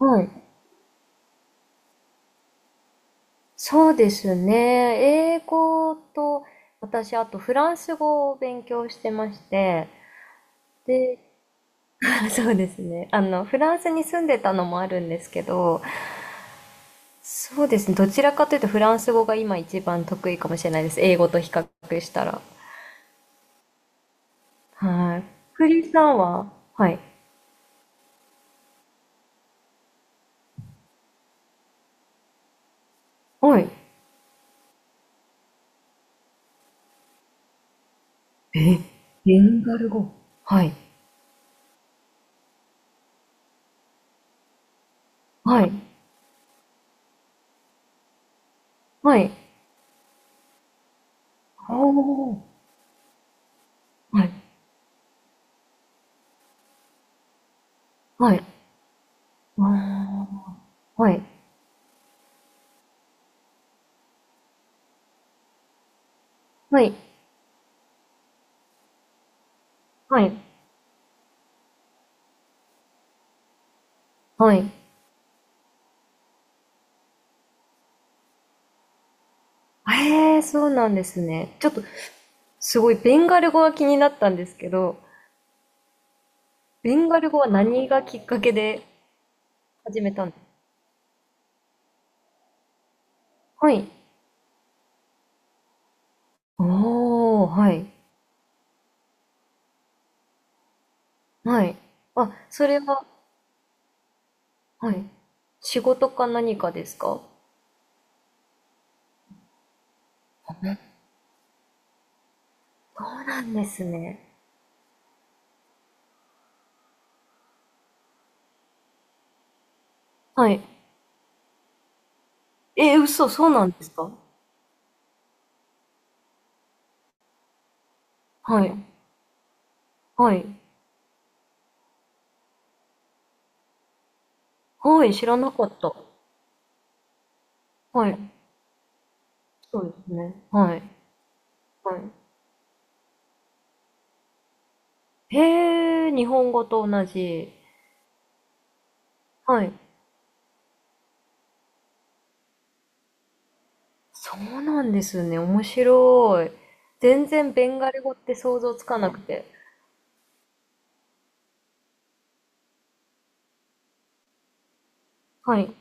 はい。そうですね。英語と、私、あとフランス語を勉強してまして、で、そうですね。フランスに住んでたのもあるんですけど、そうですね。どちらかというとフランス語が今一番得意かもしれないです。英語と比較したら。はい。クリさんは、はい。はい。え、ベンガル語。はい。はい。はい。おお、はい。はい。あー、はい。はい。はい。はい。ええ、そうなんですね。ちょっと、すごいベンガル語が気になったんですけど、ベンガル語は何がきっかけで始めたんですか？はい。おー、はい。はい。あ、それは、はい。仕事か何かですか？そうなんですね。はい。えー、嘘、そうなんですか？はい。はい。はい、知らなかった。はい。そうですね。はい。はい。へえ、日本語と同じ。はい。そうなんですね。面白い。全然ベンガル語って想像つかなくて。はい。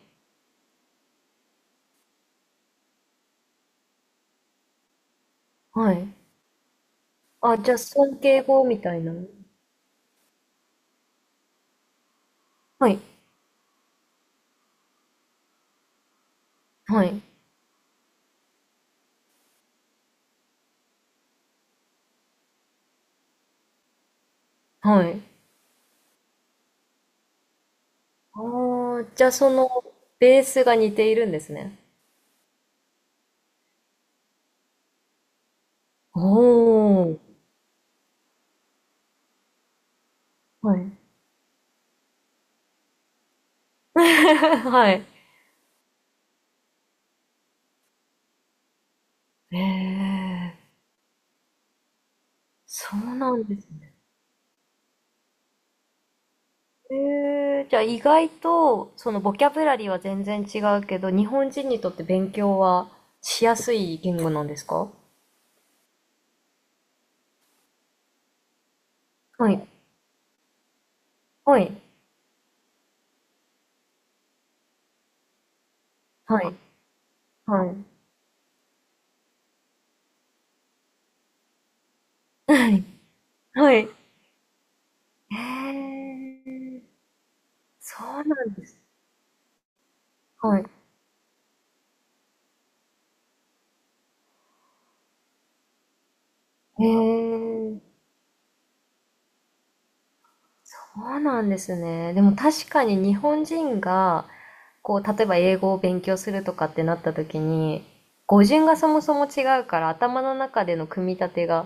はい。あ、じゃあ尊敬語みたいな。はい。はい。はい。ああ、じゃあそのベースが似ているんですね。おー。はい。はい。ええ、そうなんですね。ええ、じゃあ意外と、そのボキャブラリーは全然違うけど、日本人にとって勉強はしやすい言語なんですか？はい。はい。はい。はい。はい。はい。えー、そうなんです。はい。えー、そうなんですね。でも確かに日本人が、こう、例えば英語を勉強するとかってなった時に、語順がそもそも違うから、頭の中での組み立てが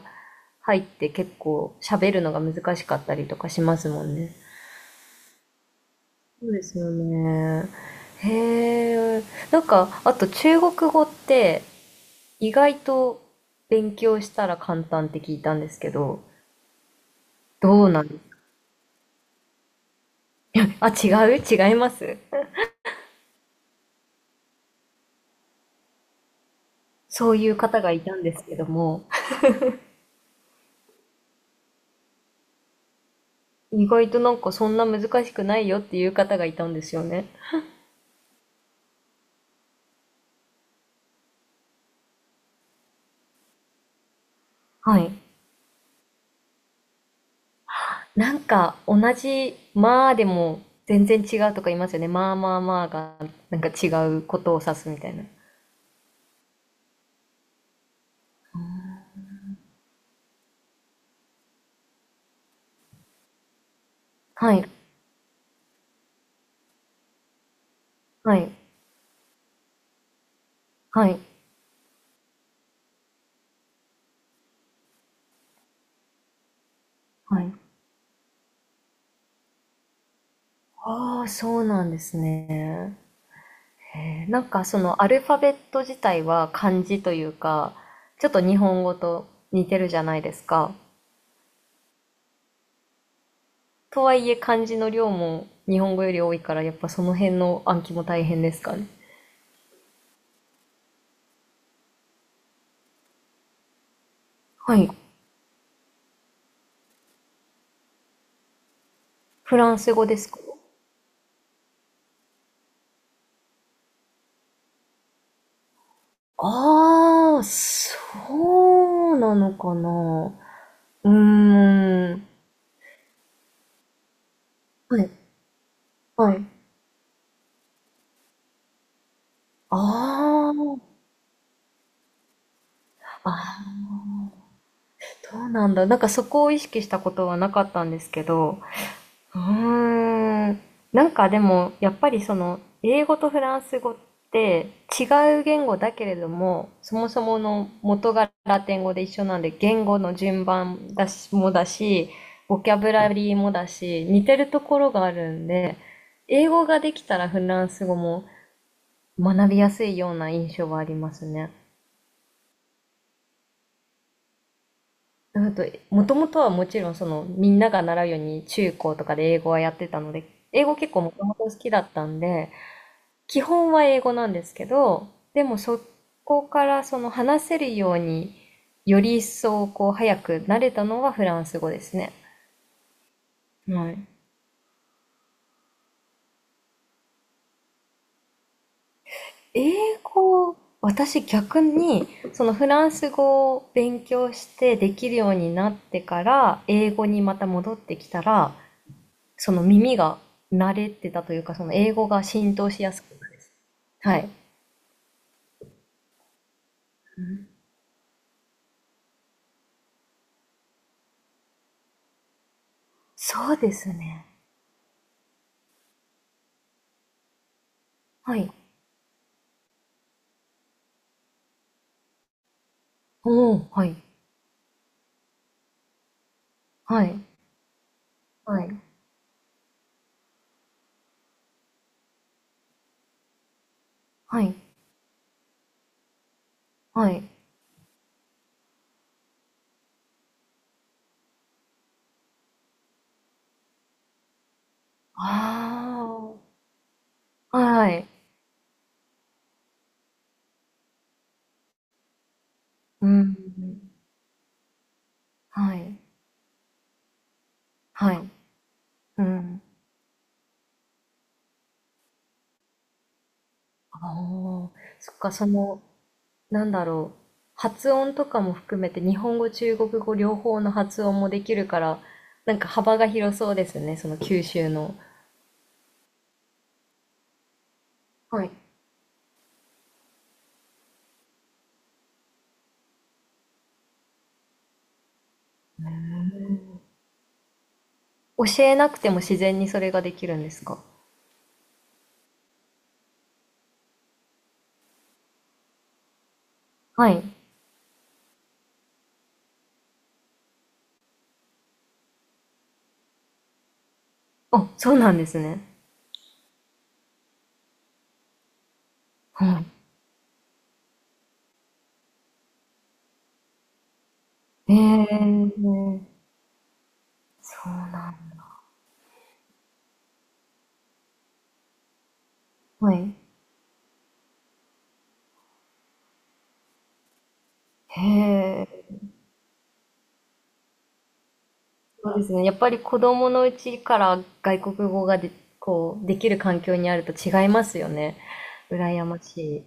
入って結構喋るのが難しかったりとかしますもんね。そうですよね。へえ。なんか、あと中国語って、意外と勉強したら簡単って聞いたんですけど、どうなんです？ あ、違う違います。そういう方がいたんですけども、意外となんかそんな難しくないよっていう方がいたんですよね。はい。なんか同じまあでも全然違うとか言いますよね。まあまあまあがなんか違うことを指すみたいな。はい。はい。はい。はい。ああ、そうなんですね。えー、なんかそのアルファベット自体は漢字というか、ちょっと日本語と似てるじゃないですか。とはいえ漢字の量も日本語より多いから、やっぱその辺の暗記も大変ですかね。はい。フランス語ですか？ああ、そうなのかな。うーん。はい。はい。ああ、あ、そうなんだ。なんかそこを意識したことはなかったんですけど、うーん。なんかでも、やっぱりその、英語とフランス語って違う言語だけれども、そもそもの元がラテン語で一緒なんで、言語の順番だし、もだし、ボキャブラリーもだし、似てるところがあるんで、英語ができたらフランス語も学びやすいような印象はありますね。あと、もともとはもちろんその、みんなが習うように中高とかで英語はやってたので、英語結構もともと好きだったんで、基本は英語なんですけど、でもそこからその話せるようにより一層こう早く慣れたのはフランス語ですね。はい。英語、私逆にそのフランス語を勉強してできるようになってから英語にまた戻ってきたら、その耳が慣れてたというか、その英語が浸透しやすくなるです。はい。そうですね。はい。おー、はい。はい。はい。はい。はい。ああ、はい。うん。はい。はい。うん。ああ、そっか、その、なんだろう。発音とかも含めて、日本語、中国語両方の発音もできるから、なんか幅が広そうですね、その九州の。はい。教えなくても自然にそれができるんですか？はい。あ、そうなんですね。はい。ええ、そうなん。はい。へえ。そうですね。やっぱり子供のうちから外国語がで、こう、できる環境にあると違いますよね。羨ましい。